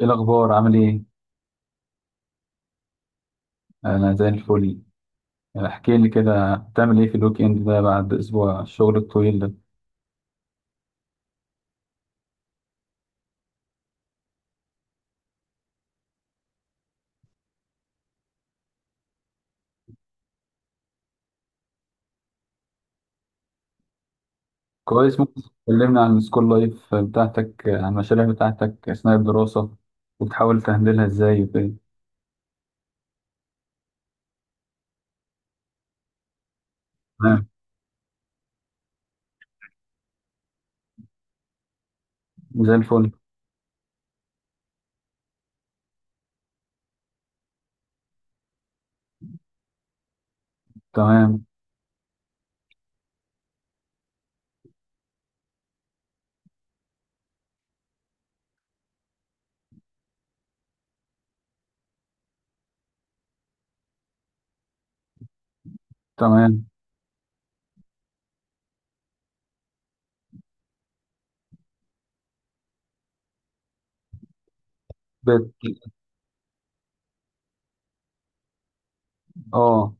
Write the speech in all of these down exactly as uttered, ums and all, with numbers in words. ايه الاخبار؟ عامل ايه؟ انا زي الفل. يعني احكي لي كده، بتعمل ايه في الويك اند ده بعد اسبوع الشغل الطويل ده؟ كويس. ممكن تكلمنا عن السكول لايف بتاعتك، عن المشاريع بتاعتك اثناء الدراسه، وبتحاول تهندلها ازاي وكده؟ تمام. زي الفل. تمام، تمام. بت... اه،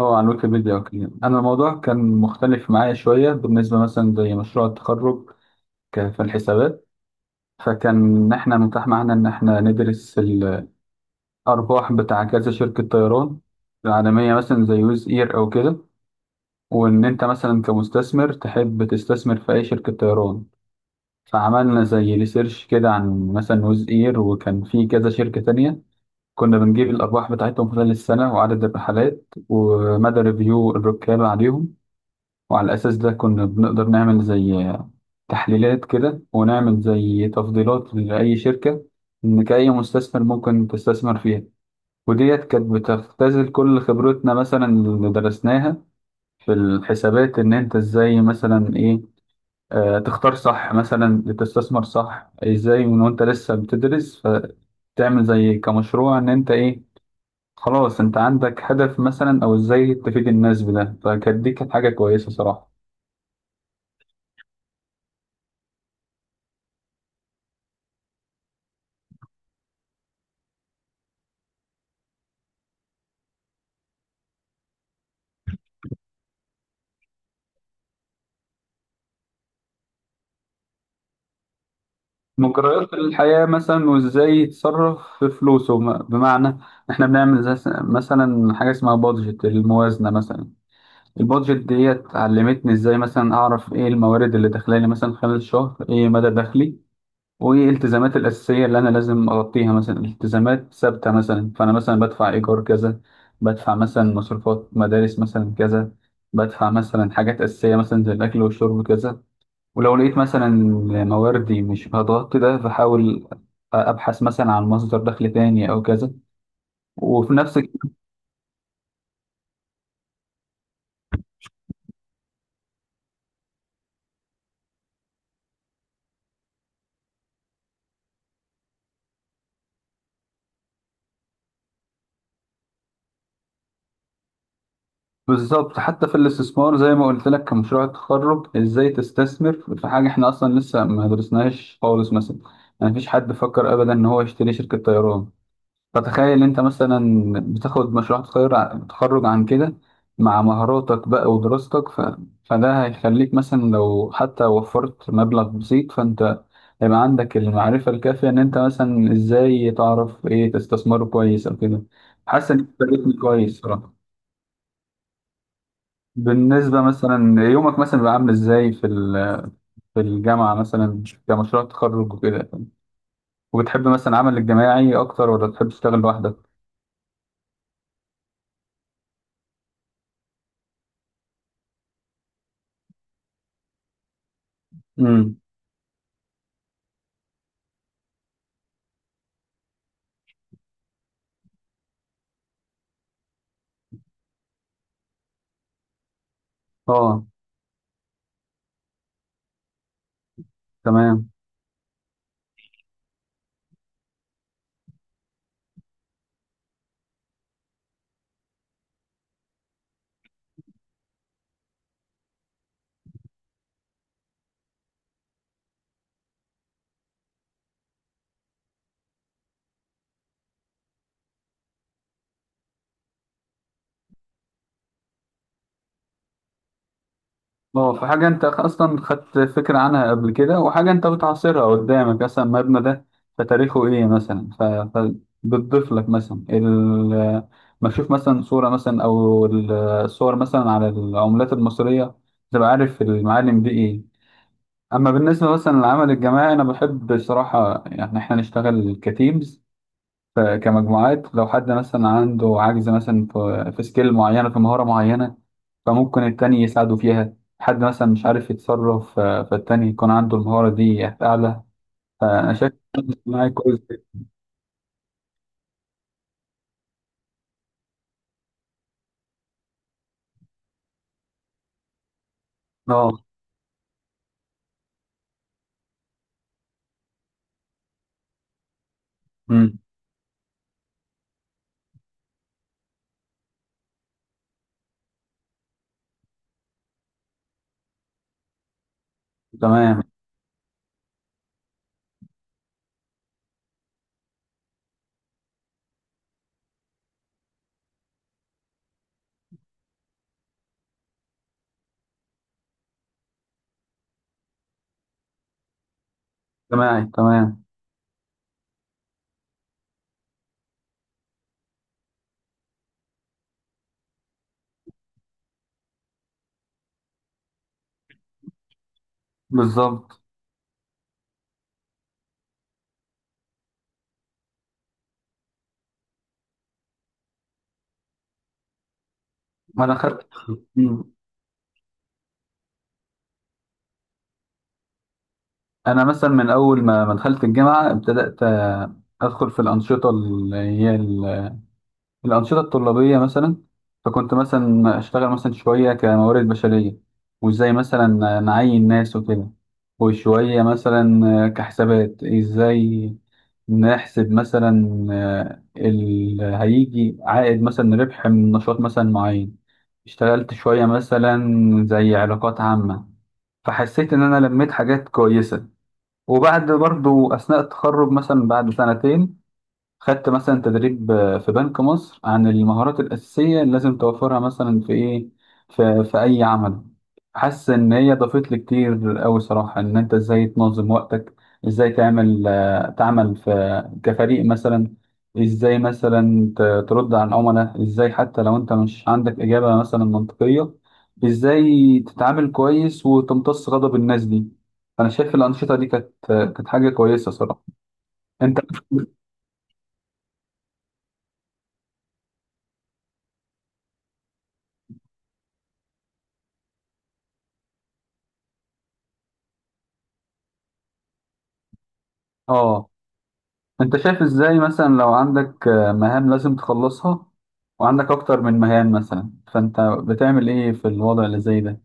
اه، على الويكيبيديا وكده. انا الموضوع كان مختلف معايا شويه بالنسبه، مثلا زي مشروع التخرج ك- في الحسابات. فكان إن احنا متاح معانا ان احنا ندرس أرباح بتاع كذا شركة طيران العالمية مثلا زي ويز إير أو كده. وإن أنت مثلا كمستثمر تحب تستثمر في أي شركة طيران. فعملنا زي ريسيرش كده عن مثلا ويز إير، وكان في كذا شركة تانية. كنا بنجيب الأرباح بتاعتهم خلال السنة، وعدد الرحلات، ومدى ريفيو الركاب عليهم. وعلى الأساس ده كنا بنقدر نعمل زي تحليلات كده، ونعمل زي تفضيلات لأي شركة، إنك أي مستثمر ممكن تستثمر فيها. وديت كانت بتختزل كل خبرتنا مثلا اللي درسناها في الحسابات، ان انت ازاي مثلا ايه آه تختار صح، مثلا تستثمر صح ازاي من وانت لسه بتدرس. فتعمل زي كمشروع ان انت ايه، خلاص انت عندك هدف مثلا، او ازاي تفيد الناس بده. فكانت دي كانت حاجة كويسة صراحة. مجريات الحياة مثلا وازاي يتصرف في فلوسه، بمعنى احنا بنعمل زي مثلا حاجة اسمها بادجت الموازنة مثلا. البادجت ديت علمتني ازاي مثلا اعرف ايه الموارد اللي داخلالي مثلا خلال الشهر، ايه مدى دخلي، وايه الالتزامات الاساسيه اللي انا لازم اغطيها. مثلا التزامات ثابته، مثلا فانا مثلا بدفع ايجار كذا، بدفع مثلا مصروفات مدارس مثلا كذا، بدفع مثلا حاجات اساسيه مثلا زي الاكل والشرب كذا. ولو لقيت مثلا مواردي مش هتغطي ده، فحاول ابحث مثلا عن مصدر دخل تاني او كذا. وفي نفس بالظبط. حتى في الاستثمار زي ما قلت لك كمشروع التخرج، ازاي تستثمر في حاجه احنا اصلا لسه ما درسناهاش خالص مثلا. يعني مفيش حد فكر ابدا ان هو يشتري شركه طيران. فتخيل انت مثلا بتاخد مشروع تخير- تخرج عن كده مع مهاراتك بقى ودراستك ف... فده هيخليك مثلا لو حتى وفرت مبلغ بسيط، فانت هيبقى عندك المعرفه الكافيه ان انت مثلا ازاي تعرف ايه تستثمره كويس او كده. حاسس ان انت كويس صراحه. بالنسبة مثلا يومك مثلا بيبقى عامل ازاي في ال- في الجامعة مثلا كمشروع تخرج وكده؟ وبتحب مثلا العمل الجماعي أكتر ولا بتحب تشتغل لوحدك؟ امم. اه. تمام. اه، في حاجة أنت أصلا خدت فكرة عنها قبل كده، وحاجة أنت بتعاصرها قدامك مثلا المبنى ده، فتاريخه إيه مثلا ف... فبتضيف لك مثلا ال... ما تشوف مثلا صورة مثلا أو الصور مثلا على العملات المصرية، تبقى عارف المعالم دي إيه. اما بالنسبه مثلا للعمل الجماعي، انا بحب بصراحه يعني احنا نشتغل كتيمز، ف- كمجموعات. لو حد مثلا عنده عجز مثلا في في سكيل معينه، في مهاره معينه، فممكن التاني يساعده فيها. حد مثلا مش عارف يتصرف ف- فالتاني يكون عنده المهاره دي اعلى. فانا شايف اجتماعي كويس. اه. أمم. تمام. اجتماعي تمام. بالظبط. ما انا خدت. أمم. انا مثلا من اول ما ما دخلت الجامعه، ابتدات آه، ادخل في الانشطه اللي هي الأنشطة الطلابية مثلا. فكنت مثلا أشتغل مثلا شوية كموارد بشرية، وإزاي مثلا نعين ناس وكده، وشوية مثلا كحسابات، إزاي نحسب مثلا اللي هيجي عائد مثلا ربح من نشاط مثلا معين. اشتغلت شوية مثلا زي علاقات عامة، فحسيت إن أنا لميت حاجات كويسة. وبعد برضو أثناء التخرج مثلا بعد سنتين، خدت مثلا تدريب آه، في بنك مصر عن المهارات الأساسية اللي لازم توفرها مثلا في إيه، في, في أي عمل. حاسس إن هي ضافت لي كتير أوي صراحة، إن أنت إزاي تنظم وقتك، إزاي تعمل آه، تعمل في كفريق مثلا، إزاي مثلا ت- ترد على العملاء، إزاي حتى لو أنت مش عندك إجابة مثلا منطقية، إزاي تتعامل كويس وتمتص غضب الناس دي. أنا شايف الأنشطة دي كانت كانت حاجة كويسة صراحة. أنت آه انت شايف ازاي مثلا لو عندك آه، مهام لازم تخلصها، وعندك اكتر من مهام مثلا، فانت بتعمل ايه في الوضع اللي زي ده؟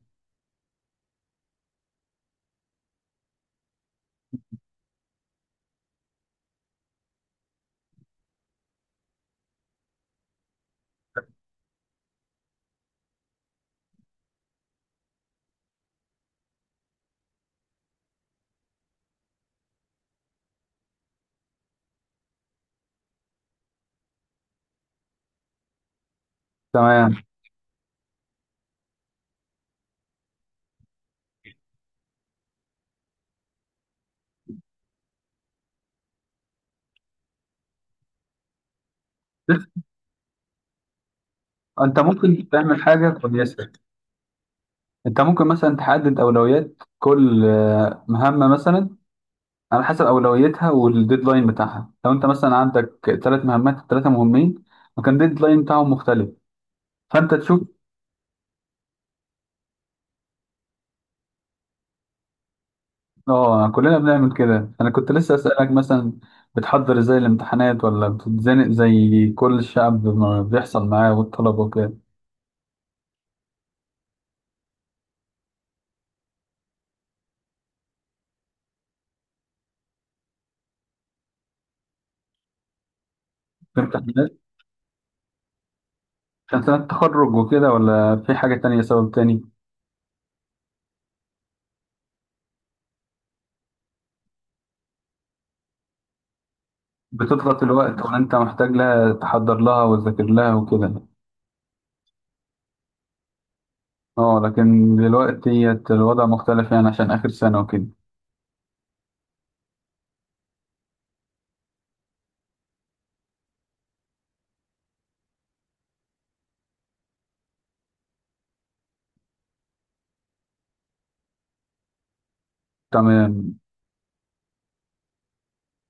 تمام. انت ممكن تعمل حاجة كويسة. انت ممكن مثلا تحدد اولويات كل آه، مهمة مثلا، على حسب اولويتها والديدلاين بتاعها. لو انت مثلا عندك ثلاث مهمات ثلاثة مهمين، وكان الديدلاين بتاعهم مختلف، فانت تشوف. اه، كلنا بنعمل كده. انا كنت لسه اسالك مثلا، بتحضر ازاي الامتحانات ولا بتتزنق زي كل الشعب ما بيحصل معاه والطلبه وكده؟ في امتحانات عشان سنه تخرج وكده، ولا في حاجه تانية سبب تاني؟ بتضغط الوقت ولا انت محتاج لها تحضر لها وتذاكر لها وكده؟ اه، لكن دلوقتي الوضع مختلف يعني عشان اخر سنه وكده. تمام.